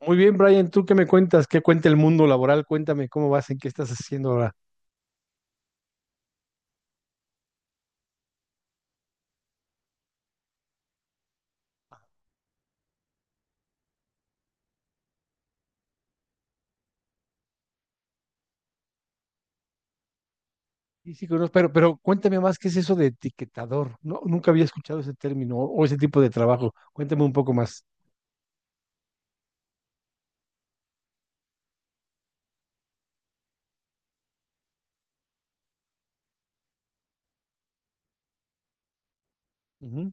Muy bien, Brian, ¿tú qué me cuentas? ¿Qué cuenta el mundo laboral? Cuéntame cómo vas, en qué estás haciendo ahora. Sí, sí, conozco, pero cuéntame más, ¿qué es eso de etiquetador? No, nunca había escuchado ese término o ese tipo de trabajo. Cuéntame un poco más. Ujú.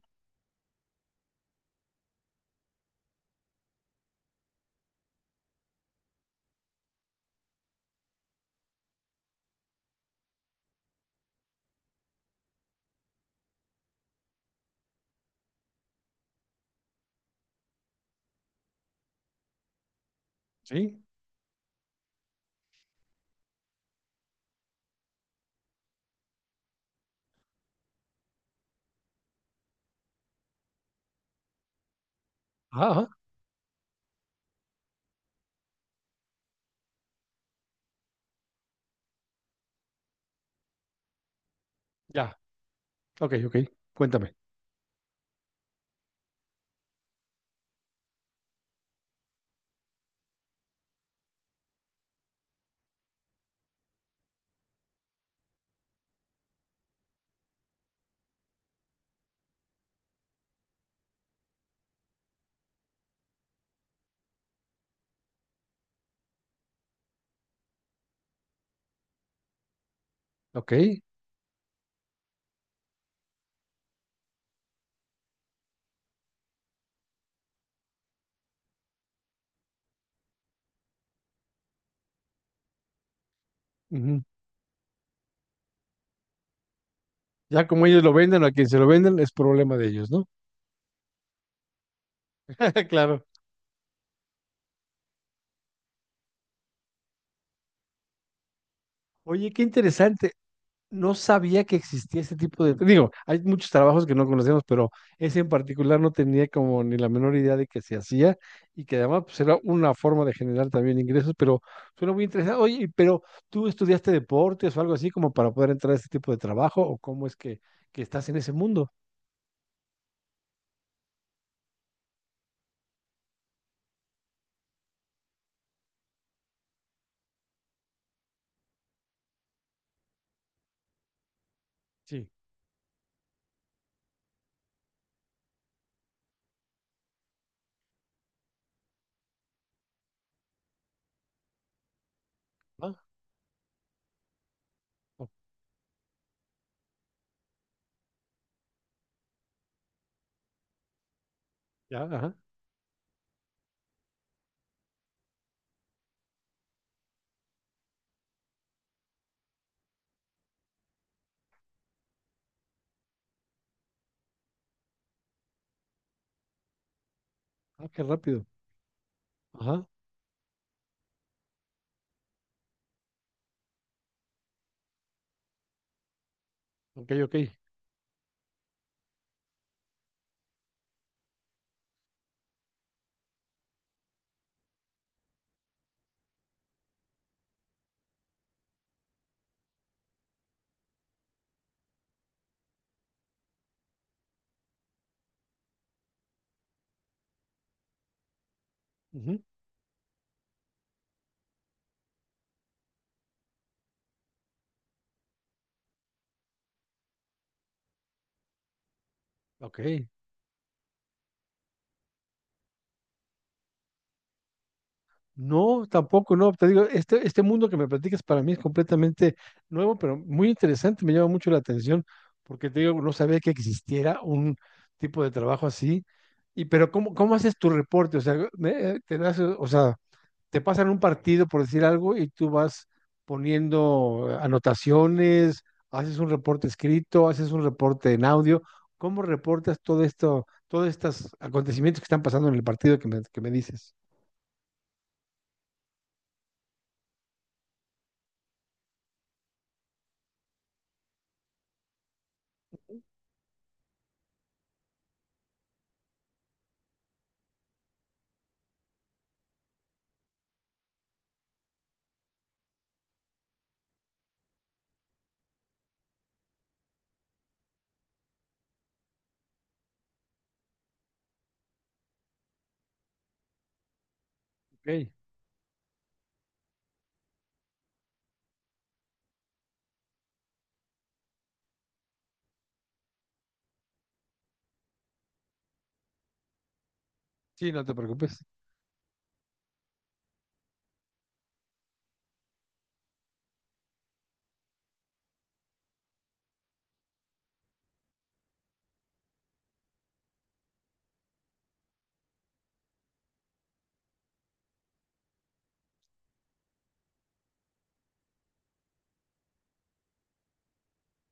¿Sí? Ah, ajá, ya. Ok, ok. Cuéntame. Ok. Ujú. Ya como ellos lo venden o a quien se lo venden es problema de ellos, ¿no? Claro. Oye, qué interesante. No sabía que existía ese tipo de... Digo, hay muchos trabajos que no conocemos, pero ese en particular no tenía como ni la menor idea de que se hacía y que además pues, era una forma de generar también ingresos, pero suena muy interesante. Oye, pero ¿tú estudiaste deportes o algo así como para poder entrar a este tipo de trabajo o cómo es que estás en ese mundo? Sí. Ah, o- ya, ajá. Ah, qué rápido. Ajá. Ok, ok. Ujú. Ok. No, tampoco, no. Te digo, este mundo que me platicas para mí es completamente nuevo, pero muy interesante, me llama mucho la atención, porque te digo, no sabía que existiera un tipo de trabajo así. Y, pero ¿cómo, cómo haces tu reporte? O sea, te das, o sea, te pasan un partido por decir algo y tú vas poniendo anotaciones, haces un reporte escrito, haces un reporte en audio. ¿Cómo reportas todo esto, todos estos acontecimientos que están pasando en el partido que me dices? Ok. Sí, no te preocupes.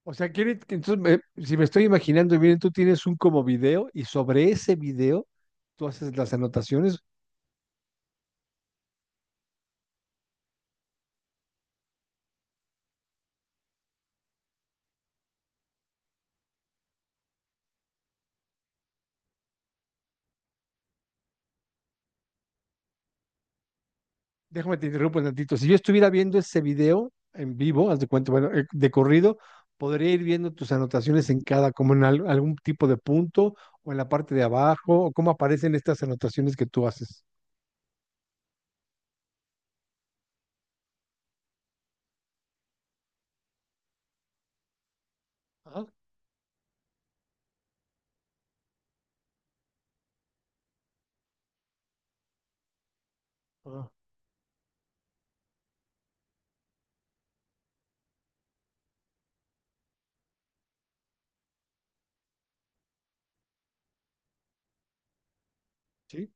O sea, quiere, que entonces, si me estoy imaginando bien, tú tienes un como video y sobre ese video tú haces las anotaciones. Déjame te interrumpo un tantito. Si yo estuviera viendo ese video en vivo, haz de cuenta, bueno, de corrido, podría ir viendo tus anotaciones en cada, como en algún tipo de punto o en la parte de abajo, o cómo aparecen estas anotaciones que tú haces. Ajá, ajá. Sí.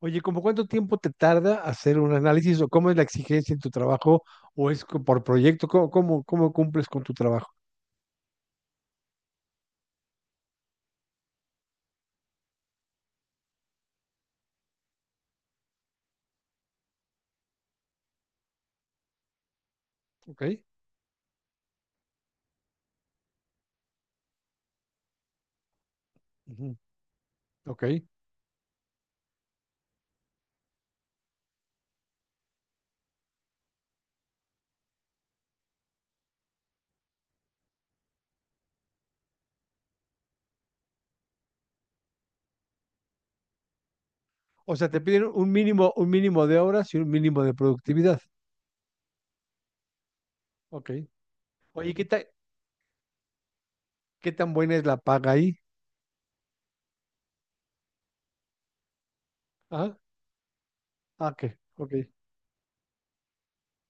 Oye, ¿como cuánto tiempo te tarda hacer un análisis o cómo es la exigencia en tu trabajo o es por proyecto? ¿Cómo, cómo, cómo cumples con tu trabajo? ¿Ok? Ujú. Ok. O sea, te piden un mínimo de horas y un mínimo de productividad. Ok. Oye, ¿qué tan buena es la paga ahí? Ah, ah, ok. Ok.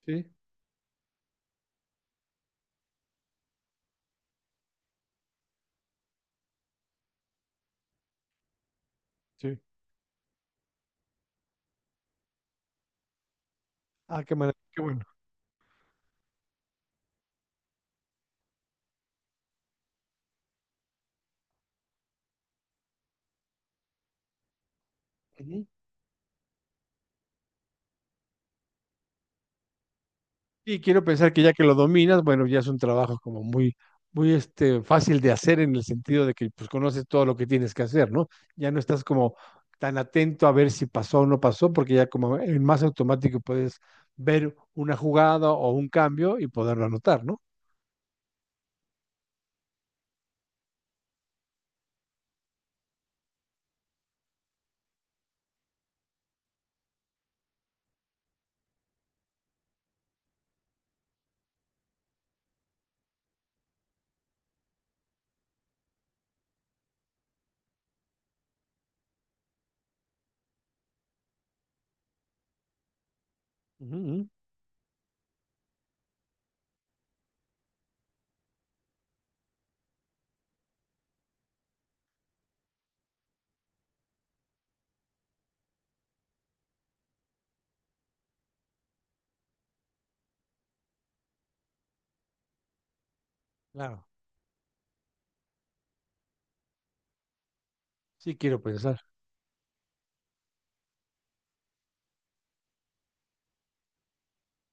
Sí, sí. Ah, qué maravilla, qué bueno. Y quiero pensar que ya que lo dominas, bueno, ya es un trabajo como muy, muy este, fácil de hacer en el sentido de que pues conoces todo lo que tienes que hacer, ¿no? Ya no estás como tan atento a ver si pasó o no pasó, porque ya como en más automático puedes ver una jugada o un cambio y poderlo anotar, ¿no? Ujú, ujú, claro, sí quiero pensar.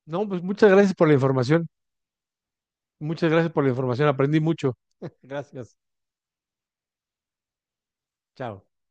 No, pues muchas gracias por la información. Muchas gracias por la información. Aprendí mucho. Gracias. Chao.